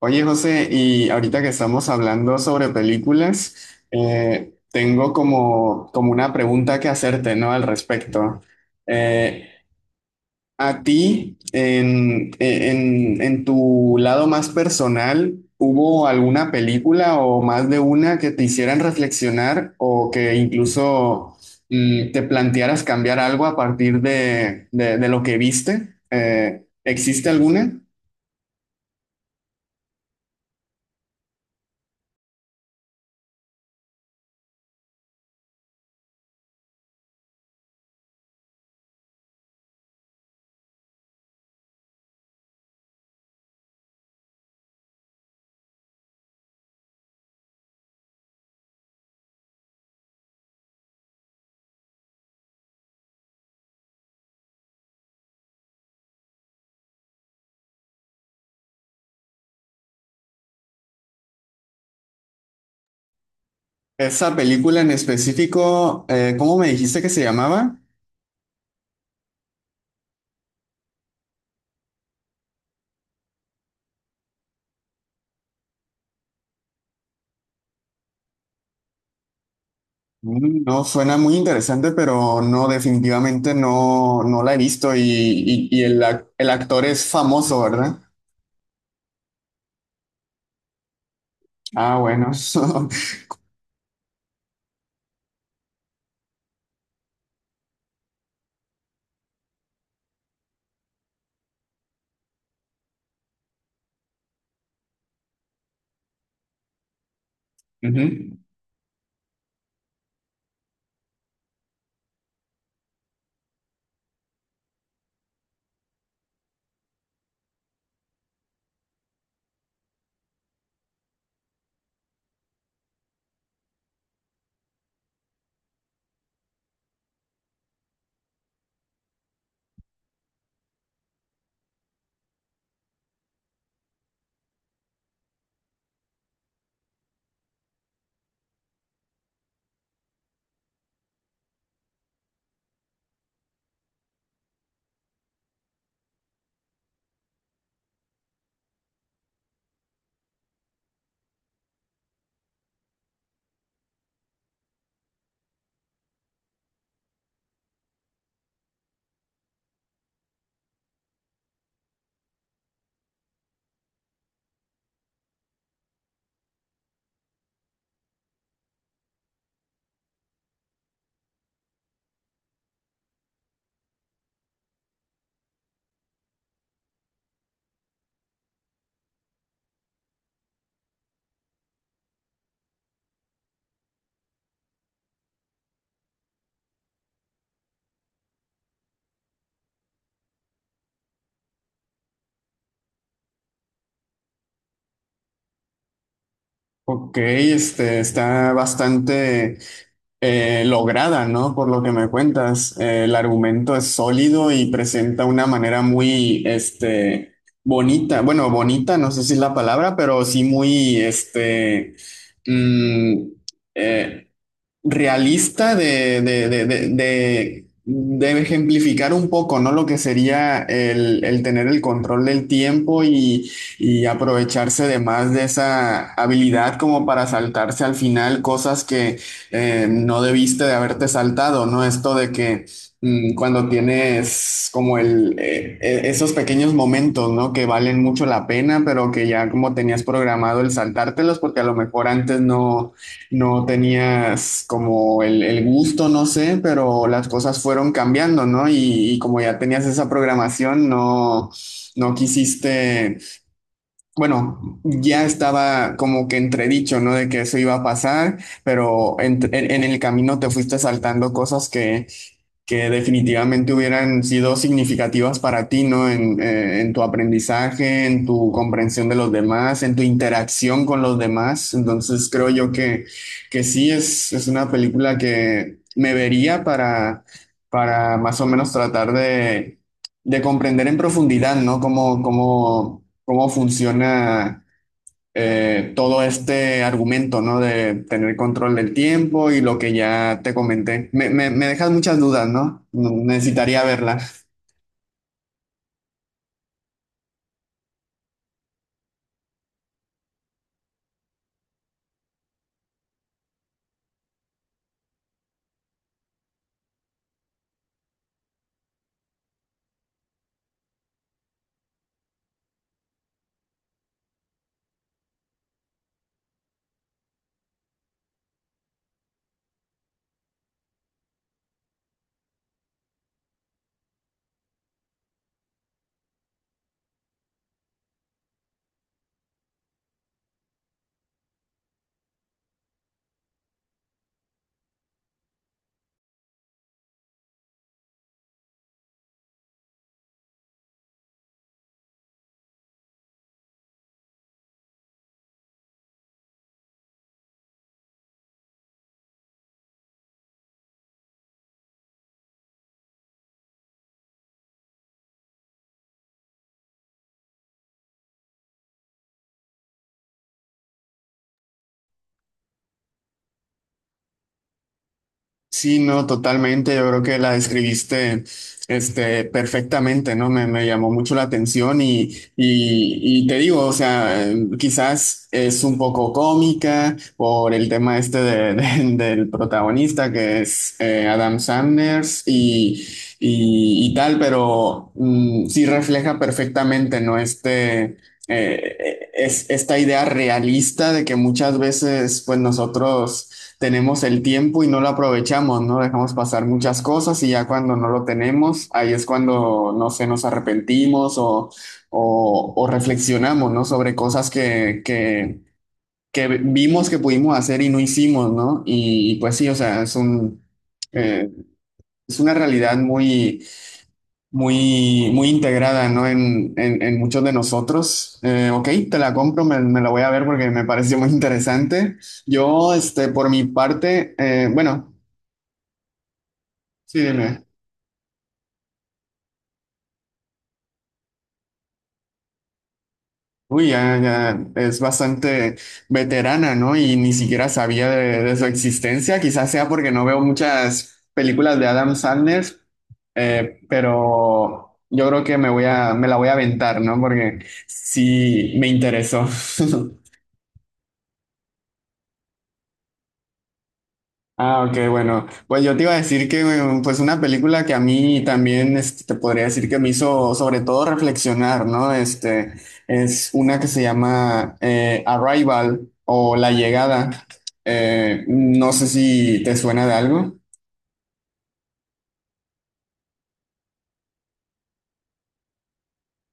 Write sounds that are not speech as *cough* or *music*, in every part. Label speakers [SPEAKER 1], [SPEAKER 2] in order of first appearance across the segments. [SPEAKER 1] Oye, José, y ahorita que estamos hablando sobre películas, tengo como, como una pregunta que hacerte, ¿no? Al respecto. Eh, a ti, en tu lado más personal, ¿hubo alguna película o más de una que te hicieran reflexionar o que incluso te plantearas cambiar algo a partir de, de lo que viste? ¿Existe alguna? Esa película en específico, ¿cómo me dijiste que se llamaba? No, suena muy interesante, pero no, definitivamente no, no la he visto y, y el, el actor es famoso, ¿verdad? Ah, bueno. *laughs* Ujú. Ok, este está bastante. Lograda, ¿no? Por lo que me cuentas. El argumento es sólido y presenta una manera muy, este, bonita, bueno, bonita, no sé si es la palabra, pero sí muy, este, mm, eh, realista de, de ejemplificar un poco, ¿no? Lo que sería el tener el control del tiempo y aprovecharse de más de esa habilidad como para saltarse al final cosas que no debiste de haberte saltado, ¿no? Esto de que cuando tienes como el, esos pequeños momentos, ¿no? Que valen mucho la pena, pero que ya como tenías programado el saltártelos porque a lo mejor antes no no tenías como el gusto, no sé, pero las cosas fueron cambiando, ¿no? Y como ya tenías esa programación, no, no quisiste, bueno, ya estaba como que entredicho, ¿no? De que eso iba a pasar, pero en, en el camino te fuiste saltando cosas que definitivamente hubieran sido significativas para ti, ¿no? En tu aprendizaje, en tu comprensión de los demás, en tu interacción con los demás. Entonces creo yo que sí es una película que me vería para más o menos tratar de comprender en profundidad, ¿no? Cómo, cómo, cómo funciona todo este argumento, ¿no? De tener control del tiempo y lo que ya te comenté. Me dejas muchas dudas, ¿no? No, necesitaría verla. Sí, no, totalmente. Yo creo que la describiste, este, perfectamente, ¿no? Me llamó mucho la atención y te digo, o sea, quizás es un poco cómica por el tema este *laughs* de- del protagonista que es Adam Sanders y tal, pero sí refleja perfectamente, ¿no? Este, es esta idea realista de que muchas veces, pues nosotros tenemos el tiempo y no lo aprovechamos, ¿no? Dejamos pasar muchas cosas y ya cuando no lo tenemos, ahí es cuando, no sé, nos arrepentimos o reflexionamos, ¿no? Sobre cosas que vimos que pudimos hacer y no hicimos, ¿no? Y pues sí, o sea, es un, eh, es una realidad muy, muy, muy integrada, ¿no? En muchos de nosotros. Ok, te la compro, me la voy a ver porque me pareció muy interesante. Yo, este, por mi parte, bueno, sí, dime. Uy, ya, ya es bastante veterana, ¿no? Y ni siquiera sabía de su existencia. Quizás sea porque no veo muchas películas de Adam Sandler, pero yo creo que me voy a, me la voy a aventar, ¿no? Porque sí me interesó. *laughs* Ah, ok, bueno. Pues yo te iba a decir que pues una película que a mí también este, te podría decir que me hizo sobre todo reflexionar, ¿no? Este es una que se llama Arrival o La Llegada. No sé si te suena de algo.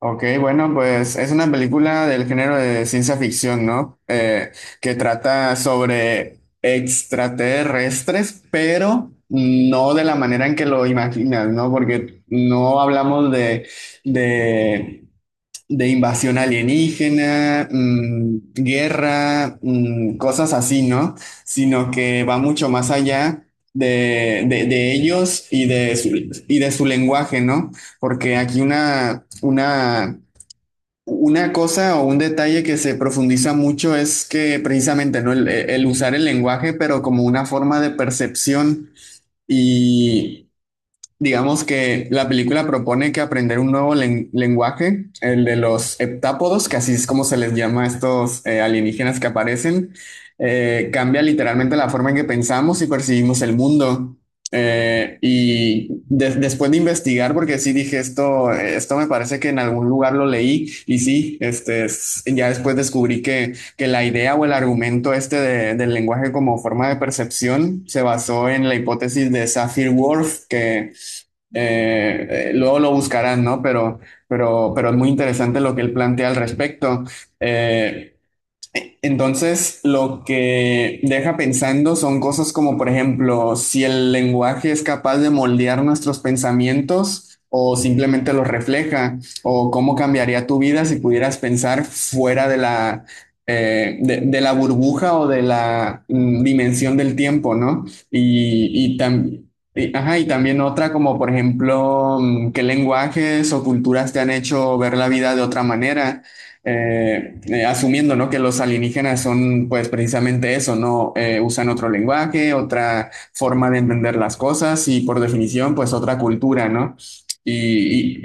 [SPEAKER 1] Ok, bueno, pues es una película del género de ciencia ficción, ¿no? Que trata sobre extraterrestres, pero no de la manera en que lo imaginas, ¿no? Porque no hablamos de, de invasión alienígena, guerra, cosas así, ¿no? Sino que va mucho más allá de ellos y de su lenguaje, ¿no? Porque aquí una, una cosa o un detalle que se profundiza mucho es que precisamente, ¿no? El usar el lenguaje, pero como una forma de percepción y digamos que la película propone que aprender un nuevo lenguaje, el de los heptápodos, que así es como se les llama a estos alienígenas que aparecen, cambia literalmente la forma en que pensamos y percibimos el mundo. Después de investigar, porque sí dije esto, esto me parece que en algún lugar lo leí y sí, este, ya después descubrí que la idea o el argumento este del lenguaje como forma de percepción se basó en la hipótesis de Sapir-Whorf, que luego lo buscarán, ¿no? Pero es muy interesante lo que él plantea al respecto. Eh, entonces, lo que deja pensando son cosas como, por ejemplo, si el lenguaje es capaz de moldear nuestros pensamientos o simplemente los refleja, o cómo cambiaría tu vida si pudieras pensar fuera de la burbuja o de la dimensión del tiempo, ¿no? Y, ajá, y también otra como, por ejemplo, qué lenguajes o culturas te han hecho ver la vida de otra manera, asumiendo, ¿no?, que los alienígenas son pues precisamente eso, ¿no? Usan otro lenguaje, otra forma de entender las cosas y por definición pues otra cultura, ¿no? Y,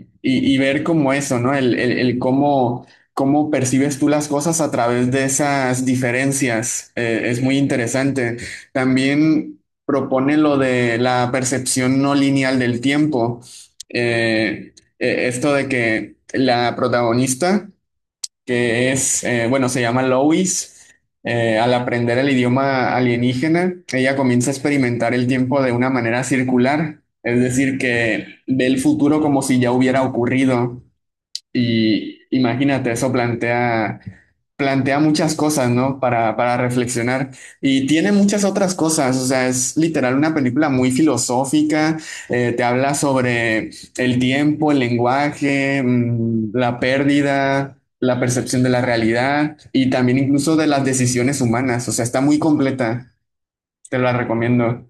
[SPEAKER 1] y ver como eso, ¿no? El, el cómo, cómo percibes tú las cosas a través de esas diferencias, es muy interesante. También propone lo de la percepción no lineal del tiempo. Eh, Esto de que la protagonista que es, bueno, se llama Lois. Al aprender el idioma alienígena, ella comienza a experimentar el tiempo de una manera circular, es decir, que ve el futuro como si ya hubiera ocurrido. Y imagínate, eso plantea, plantea muchas cosas, ¿no? Para reflexionar. Y tiene muchas otras cosas, o sea, es literal una película muy filosófica, te habla sobre el tiempo, el lenguaje, la pérdida, la percepción de la realidad y también incluso de las decisiones humanas, o sea, está muy completa, te la recomiendo.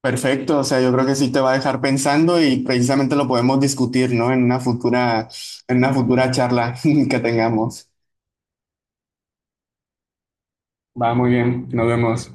[SPEAKER 1] Perfecto, o sea, yo creo que sí te va a dejar pensando y precisamente lo podemos discutir, ¿no? En una futura charla *laughs* que tengamos. Va, muy bien, nos vemos.